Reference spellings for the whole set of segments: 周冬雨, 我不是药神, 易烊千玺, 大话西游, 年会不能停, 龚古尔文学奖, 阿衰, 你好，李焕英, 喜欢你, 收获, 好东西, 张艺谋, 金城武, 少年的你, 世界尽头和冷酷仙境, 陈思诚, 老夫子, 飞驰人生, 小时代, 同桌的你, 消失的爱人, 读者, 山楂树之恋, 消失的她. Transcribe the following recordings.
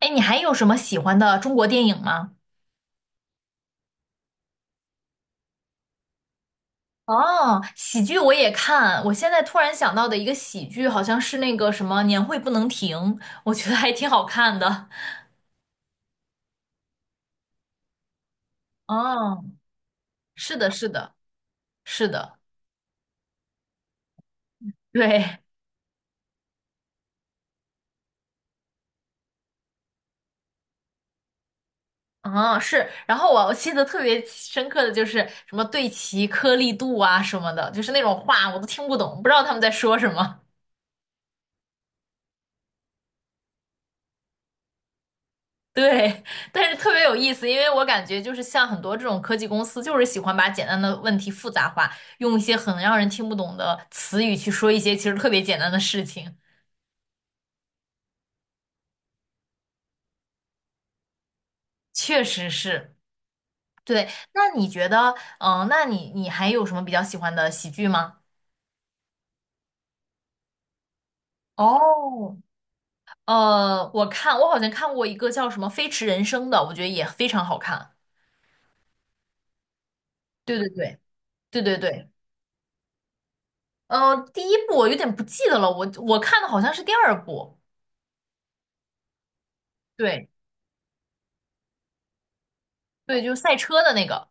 哎，你还有什么喜欢的中国电影吗？哦，喜剧我也看。我现在突然想到的一个喜剧，好像是那个什么《年会不能停》，我觉得还挺好看的。哦，是的，是的，是的，对，嗯，是。然后我记得特别深刻的就是什么对齐颗粒度啊什么的，就是那种话我都听不懂，不知道他们在说什么。对，但是特别有意思，因为我感觉就是像很多这种科技公司，就是喜欢把简单的问题复杂化，用一些很让人听不懂的词语去说一些其实特别简单的事情。确实是，对。那你觉得，那你还有什么比较喜欢的喜剧吗？哦，我看我好像看过一个叫什么《飞驰人生》的，我觉得也非常好看。对对对对对对，第一部我有点不记得了，我看的好像是第二部。对。对，就是赛车的那个，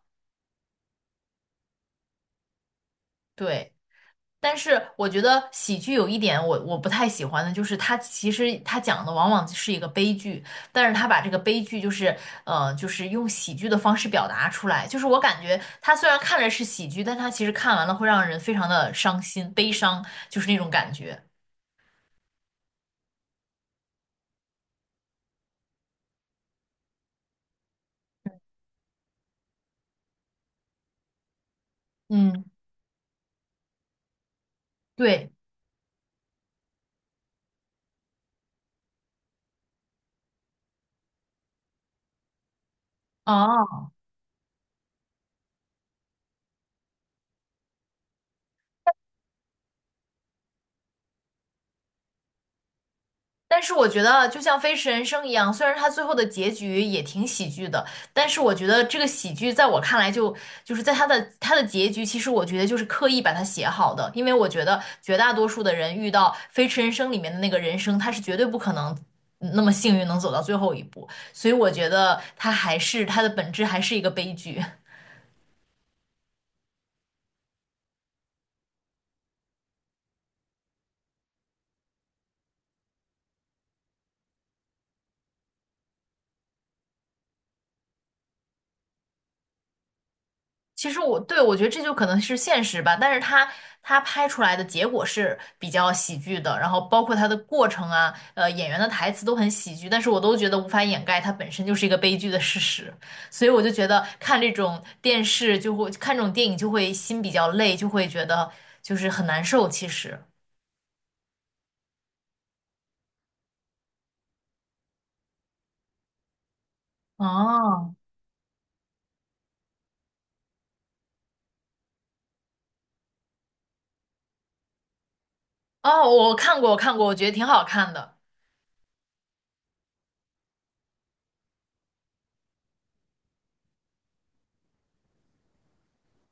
对。但是我觉得喜剧有一点我不太喜欢的，就是它其实它讲的往往是一个悲剧，但是它把这个悲剧就是就是用喜剧的方式表达出来，就是我感觉它虽然看着是喜剧，但它其实看完了会让人非常的伤心、悲伤，就是那种感觉。嗯，对，哦，但是我觉得，就像《飞驰人生》一样，虽然它最后的结局也挺喜剧的，但是我觉得这个喜剧在我看来就，就是在它的结局，其实我觉得就是刻意把它写好的，因为我觉得绝大多数的人遇到《飞驰人生》里面的那个人生，他是绝对不可能那么幸运能走到最后一步，所以我觉得它还是它的本质还是一个悲剧。其实我对我觉得这就可能是现实吧，但是他拍出来的结果是比较喜剧的，然后包括他的过程啊，演员的台词都很喜剧，但是我都觉得无法掩盖它本身就是一个悲剧的事实，所以我就觉得看这种电视就会看这种电影就会心比较累，就会觉得就是很难受。其实，哦哦，我看过，我看过，我觉得挺好看的。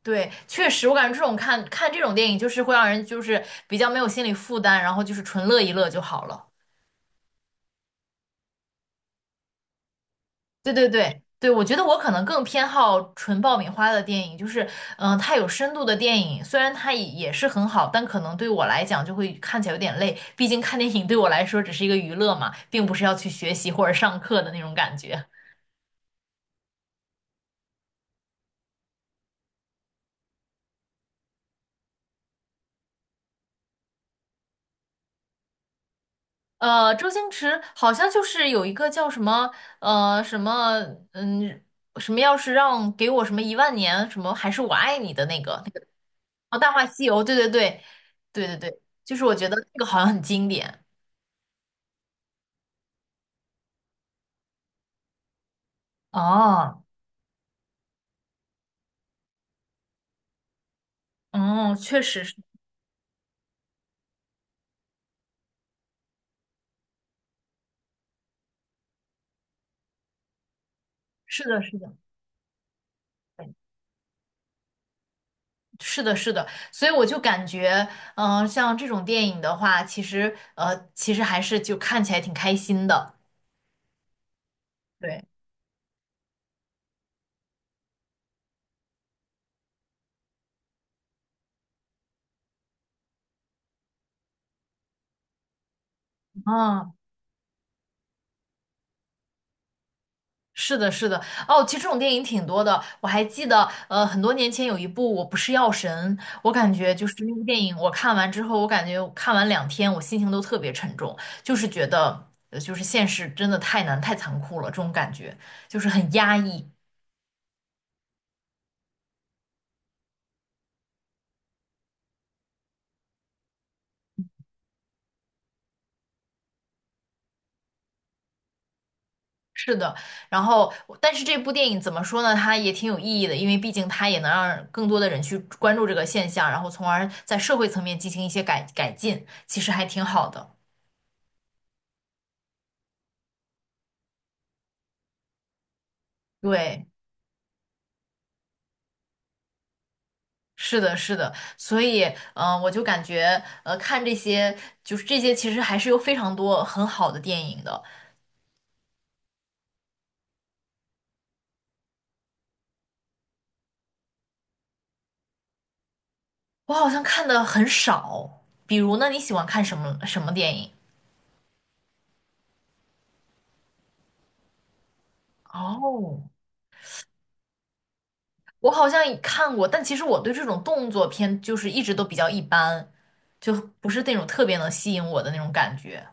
对，确实，我感觉这种看这种电影就是会让人就是比较没有心理负担，然后就是纯乐一乐就好了。对对对对，我觉得我可能更偏好纯爆米花的电影，就是它有深度的电影，虽然它也是很好，但可能对我来讲就会看起来有点累，毕竟看电影对我来说只是一个娱乐嘛，并不是要去学习或者上课的那种感觉。周星驰好像就是有一个叫什么呃什么嗯，要是让给我什么一万年什么还是我爱你的那个哦，《大话西游》，对对对对对对，就是我觉得这个好像很经典。哦，哦，确实是，是的，是的，对是的，是的，所以我就感觉，像这种电影的话，其实，其实还是就看起来挺开心的，对，嗯，是的，是的，哦，其实这种电影挺多的，我还记得，很多年前有一部《我不是药神》，我感觉就是那部电影，我看完之后，我感觉我看完两天，我心情都特别沉重，就是觉得，就是现实真的太难太残酷了，这种感觉就是很压抑。是的，然后但是这部电影怎么说呢？它也挺有意义的，因为毕竟它也能让更多的人去关注这个现象，然后从而在社会层面进行一些改进，其实还挺好的。对，是的，是的，所以，我就感觉，看这些，就是这些，其实还是有非常多很好的电影的。我好像看的很少，比如呢，你喜欢看什么电影？哦，我好像也看过，但其实我对这种动作片就是一直都比较一般，就不是那种特别能吸引我的那种感觉。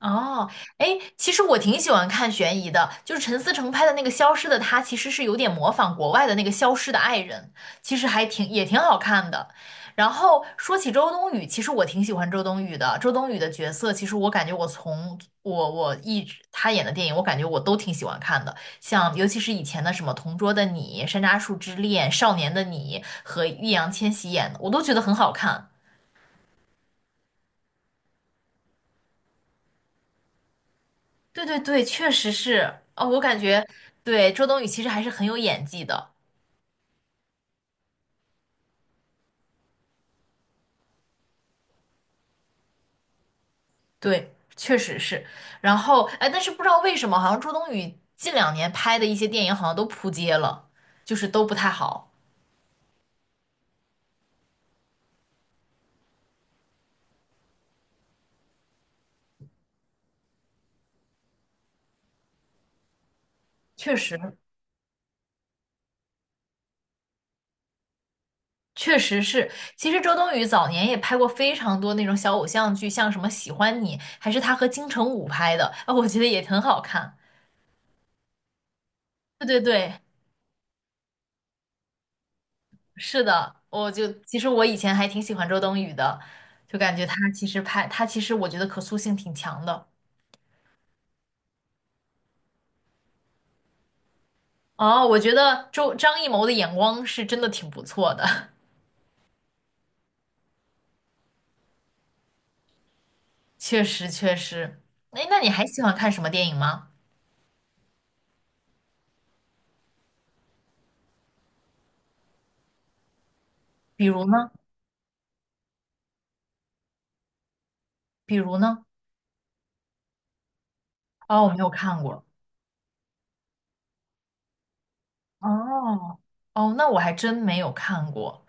哦，哎，其实我挺喜欢看悬疑的，就是陈思诚拍的那个《消失的她》，其实是有点模仿国外的那个《消失的爱人》，其实还挺也挺好看的。然后说起周冬雨，其实我挺喜欢周冬雨的。周冬雨的角色，其实我感觉我从我我一直她演的电影，我感觉我都挺喜欢看的，像尤其是以前的什么《同桌的你》《山楂树之恋》《少年的你》和易烊千玺演的，我都觉得很好看。对对对，确实是哦，我感觉对周冬雨其实还是很有演技的，对，确实是。然后哎，但是不知道为什么，好像周冬雨近两年拍的一些电影好像都扑街了，就是都不太好。确实，确实是。其实周冬雨早年也拍过非常多那种小偶像剧，像什么《喜欢你》，还是她和金城武拍的，啊，我觉得也很好看。对对对，是的，我就其实我以前还挺喜欢周冬雨的，就感觉她其实我觉得可塑性挺强的。哦，我觉得张艺谋的眼光是真的挺不错的，确实确实。哎，那你还喜欢看什么电影吗？比如呢？比如呢？哦，我没有看过。哦，哦，那我还真没有看过。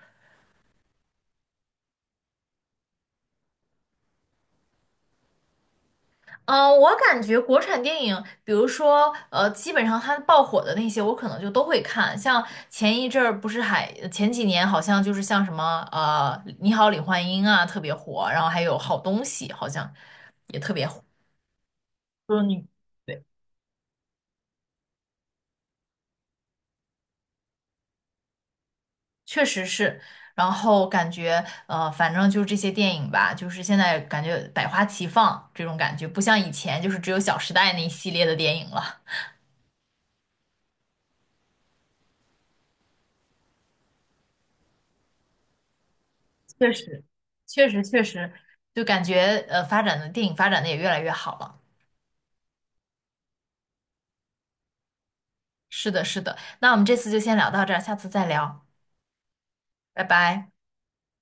我感觉国产电影，比如说，基本上它爆火的那些，我可能就都会看。像前一阵儿不是还前几年好像就是像什么《你好，李焕英》啊特别火，然后还有《好东西》好像也特别火。就是你对，确实是。然后感觉反正就是这些电影吧，就是现在感觉百花齐放这种感觉，不像以前就是只有《小时代》那一系列的电影了。确实，确实，确实，就感觉发展的电影发展的也越来越好了。是的，是的。那我们这次就先聊到这儿，下次再聊，拜拜。